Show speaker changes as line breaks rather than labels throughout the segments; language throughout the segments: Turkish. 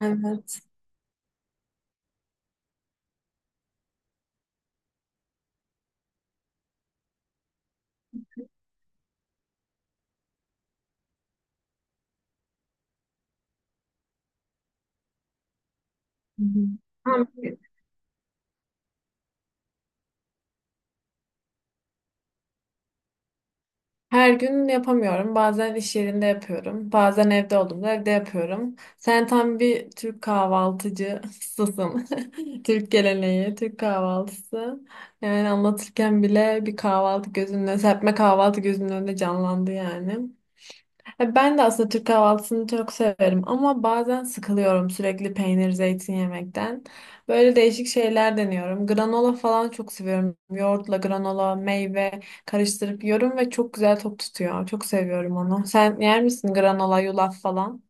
Evet. Hı hı. Ama her gün yapamıyorum. Bazen iş yerinde yapıyorum. Bazen evde olduğumda evde yapıyorum. Sen tam bir Türk kahvaltıcısısın. Türk geleneği, Türk kahvaltısı. Yani anlatırken bile bir kahvaltı gözünün önünde, serpme kahvaltı gözünün önünde canlandı yani. Ya ben de aslında Türk kahvaltısını çok severim ama bazen sıkılıyorum sürekli peynir, zeytin yemekten. Böyle değişik şeyler deniyorum. Granola falan çok seviyorum. Yoğurtla granola, meyve karıştırıp yiyorum ve çok güzel tok tutuyor. Çok seviyorum onu. Sen yer misin granola, yulaf falan?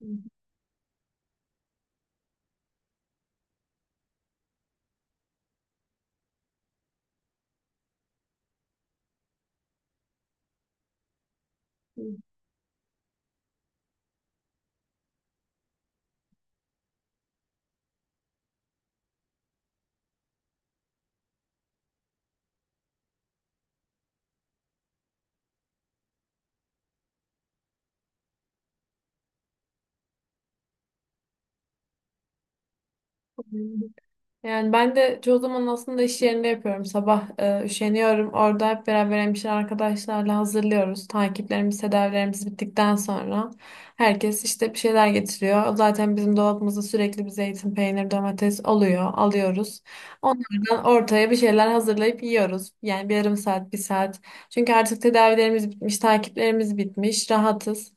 Hı hı. Yani ben de çoğu zaman aslında iş yerinde yapıyorum. Sabah üşeniyorum. Orada hep beraber hemşire arkadaşlarla hazırlıyoruz. Takiplerimiz, tedavilerimiz bittikten sonra herkes işte bir şeyler getiriyor. Zaten bizim dolabımızda sürekli bir zeytin, peynir, domates oluyor. Alıyoruz. Onlardan ortaya bir şeyler hazırlayıp yiyoruz. Yani bir yarım saat, bir saat. Çünkü artık tedavilerimiz bitmiş, takiplerimiz bitmiş. Rahatız.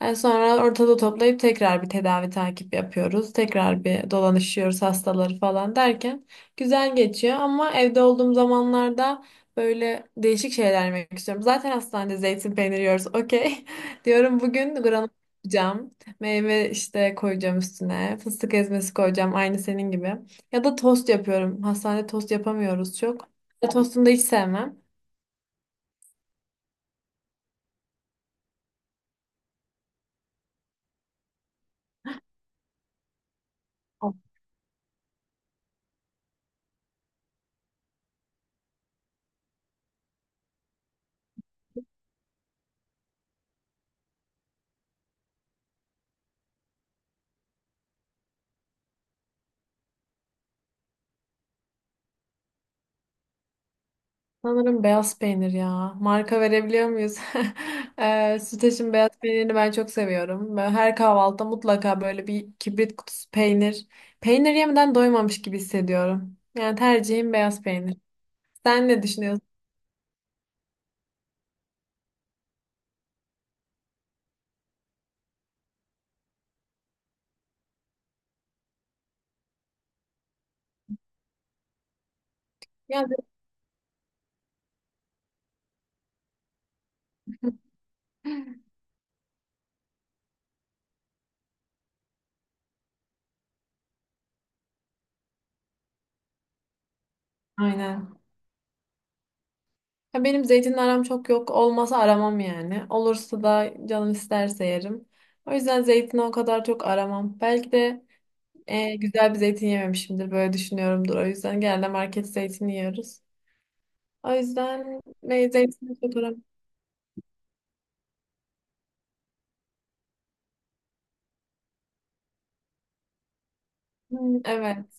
Sonra ortada toplayıp tekrar bir tedavi takip yapıyoruz. Tekrar bir dolanışıyoruz hastaları falan derken güzel geçiyor ama evde olduğum zamanlarda böyle değişik şeyler yemek istiyorum. Zaten hastanede zeytin peyniri yiyoruz. Okey. Diyorum bugün granola yapacağım. Meyve işte koyacağım üstüne. Fıstık ezmesi koyacağım aynı senin gibi. Ya da tost yapıyorum. Hastanede tost yapamıyoruz çok. Tostunu da hiç sevmem. Sanırım beyaz peynir ya. Marka verebiliyor muyuz? Süteş'in beyaz peynirini ben çok seviyorum. Ben her kahvaltıda mutlaka böyle bir kibrit kutusu peynir. Peynir yemeden doymamış gibi hissediyorum. Yani tercihim beyaz peynir. Sen ne düşünüyorsun? Yani, aynen. Ya benim zeytinle aram çok yok. Olmasa aramam yani. Olursa da canım isterse yerim. O yüzden zeytini o kadar çok aramam. Belki de güzel bir zeytin yememişimdir. Böyle düşünüyorumdur. O yüzden genelde market zeytini yiyoruz. O yüzden meyzesini fotoğraf. Hmm, evet.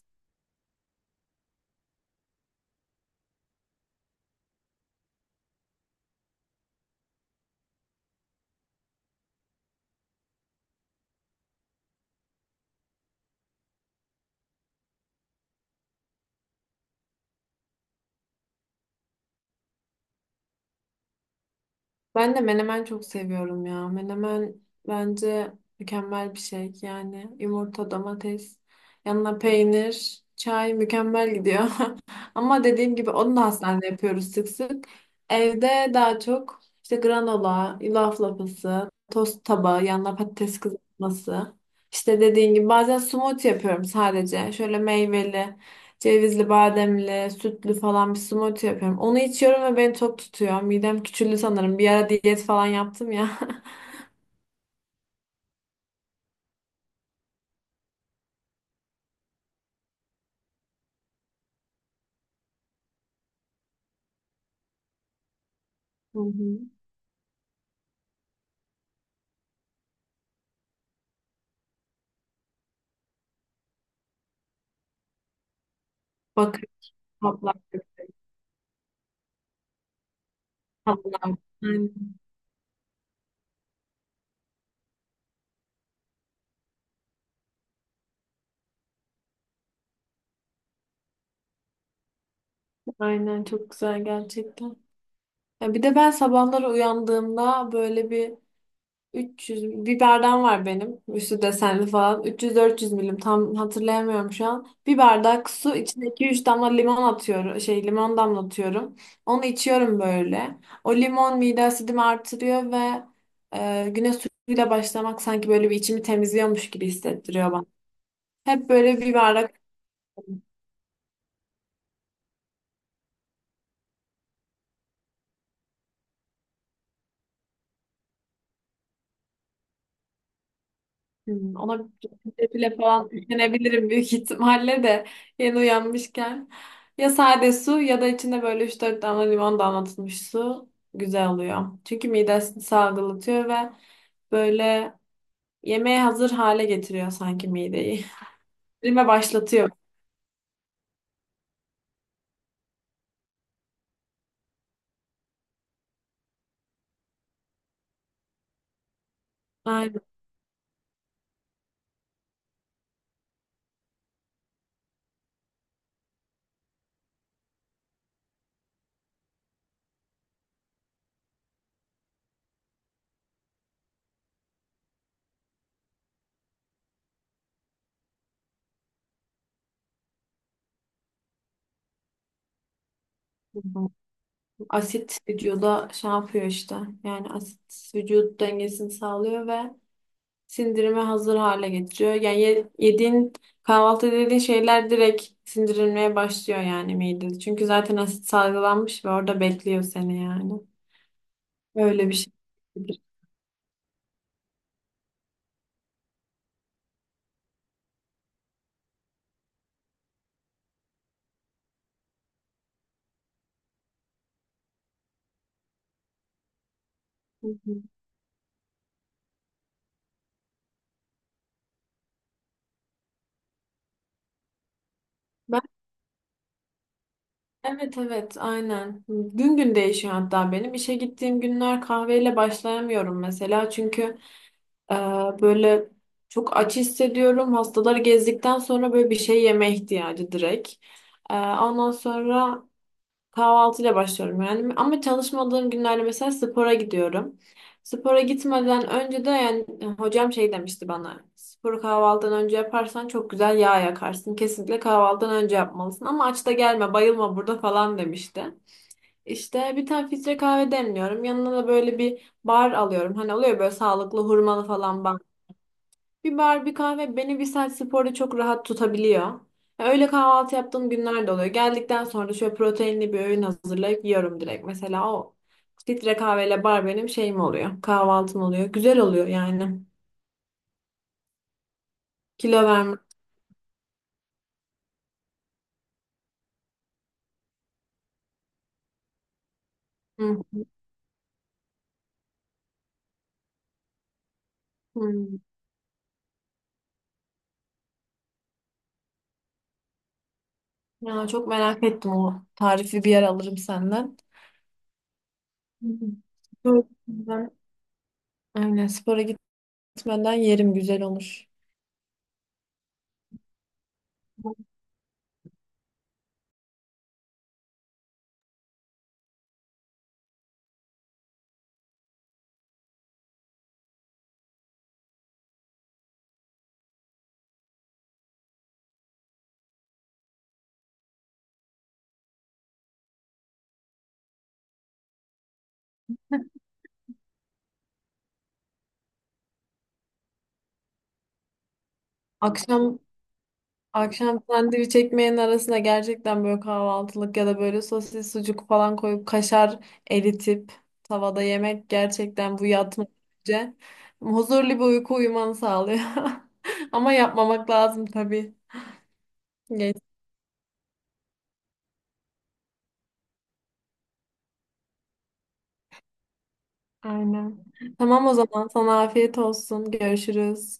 Ben de menemen çok seviyorum ya. Menemen bence mükemmel bir şey. Yani yumurta, domates, yanına peynir, çay mükemmel gidiyor. Ama dediğim gibi onu da hastanede yapıyoruz sık sık. Evde daha çok işte granola, yulaf lapası, tost tabağı, yanına patates kızartması. İşte dediğim gibi bazen smoothie yapıyorum sadece. Şöyle meyveli, cevizli, bademli, sütlü falan bir smoothie yapıyorum. Onu içiyorum ve beni tok tutuyor. Midem küçüldü sanırım. Bir ara diyet falan yaptım ya. Hı hı. Bakın tatlar. Tatlar. Aynen, aynen çok güzel gerçekten. Ya bir de ben sabahları uyandığımda böyle bir 300 bir bardağım var benim. Üstü desenli falan. 300-400 milim tam hatırlayamıyorum şu an. Bir bardak su içine 2-3 damla limon atıyorum. Şey limon damlatıyorum. Onu içiyorum böyle. O limon mide asidimi artırıyor ve güne suyla başlamak sanki böyle bir içimi temizliyormuş gibi hissettiriyor bana. Hep böyle bir bardak. Ona defile falan yüklenebilirim büyük ihtimalle de yeni uyanmışken. Ya sade su ya da içinde böyle üç dört damla limon damlatılmış su güzel oluyor. Çünkü midesini salgılatıyor ve böyle yemeğe hazır hale getiriyor sanki mideyi. Erime başlatıyor. Aynen. Asit vücuda şey yapıyor işte. Yani asit vücut dengesini sağlıyor ve sindirime hazır hale getiriyor. Yani yediğin kahvaltı dediğin şeyler direkt sindirilmeye başlıyor yani midede. Çünkü zaten asit salgılanmış ve orada bekliyor seni yani. Öyle bir şey. Hı hı. Evet evet aynen. Gün gün değişiyor hatta benim. İşe gittiğim günler kahveyle başlayamıyorum mesela. Çünkü e, böyle çok aç hissediyorum. Hastaları gezdikten sonra böyle bir şey yeme ihtiyacı direkt. Ondan sonra kahvaltıyla başlıyorum yani. Ama çalışmadığım günlerde mesela spora gidiyorum. Spora gitmeden önce de yani hocam şey demişti bana. Sporu kahvaltıdan önce yaparsan çok güzel yağ yakarsın. Kesinlikle kahvaltıdan önce yapmalısın. Ama aç da gelme, bayılma burada falan demişti. İşte bir tane filtre kahve demliyorum. Yanına da böyle bir bar alıyorum. Hani oluyor böyle sağlıklı hurmalı falan bir bar, bir kahve beni bir saat sporda çok rahat tutabiliyor. Ya öyle kahvaltı yaptığım günler de oluyor. Geldikten sonra da şöyle proteinli bir öğün hazırlayıp yiyorum direkt. Mesela o filtre kahveyle bar benim şeyim oluyor. Kahvaltım oluyor. Güzel oluyor yani. Kilo verme. Hı, hı. Ya çok merak ettim o tarifi bir yer alırım senden. Hı hı. Böyle, ben- aynen spora gitmeden yerim güzel olur. Akşam Akşam sandviç ekmeğin arasına gerçekten böyle kahvaltılık ya da böyle sosis sucuk falan koyup kaşar eritip tavada yemek gerçekten bu yatmadan önce huzurlu bir uyku uyumanı sağlıyor. Ama yapmamak lazım tabii. Geç. Aynen. Tamam o zaman sana afiyet olsun. Görüşürüz.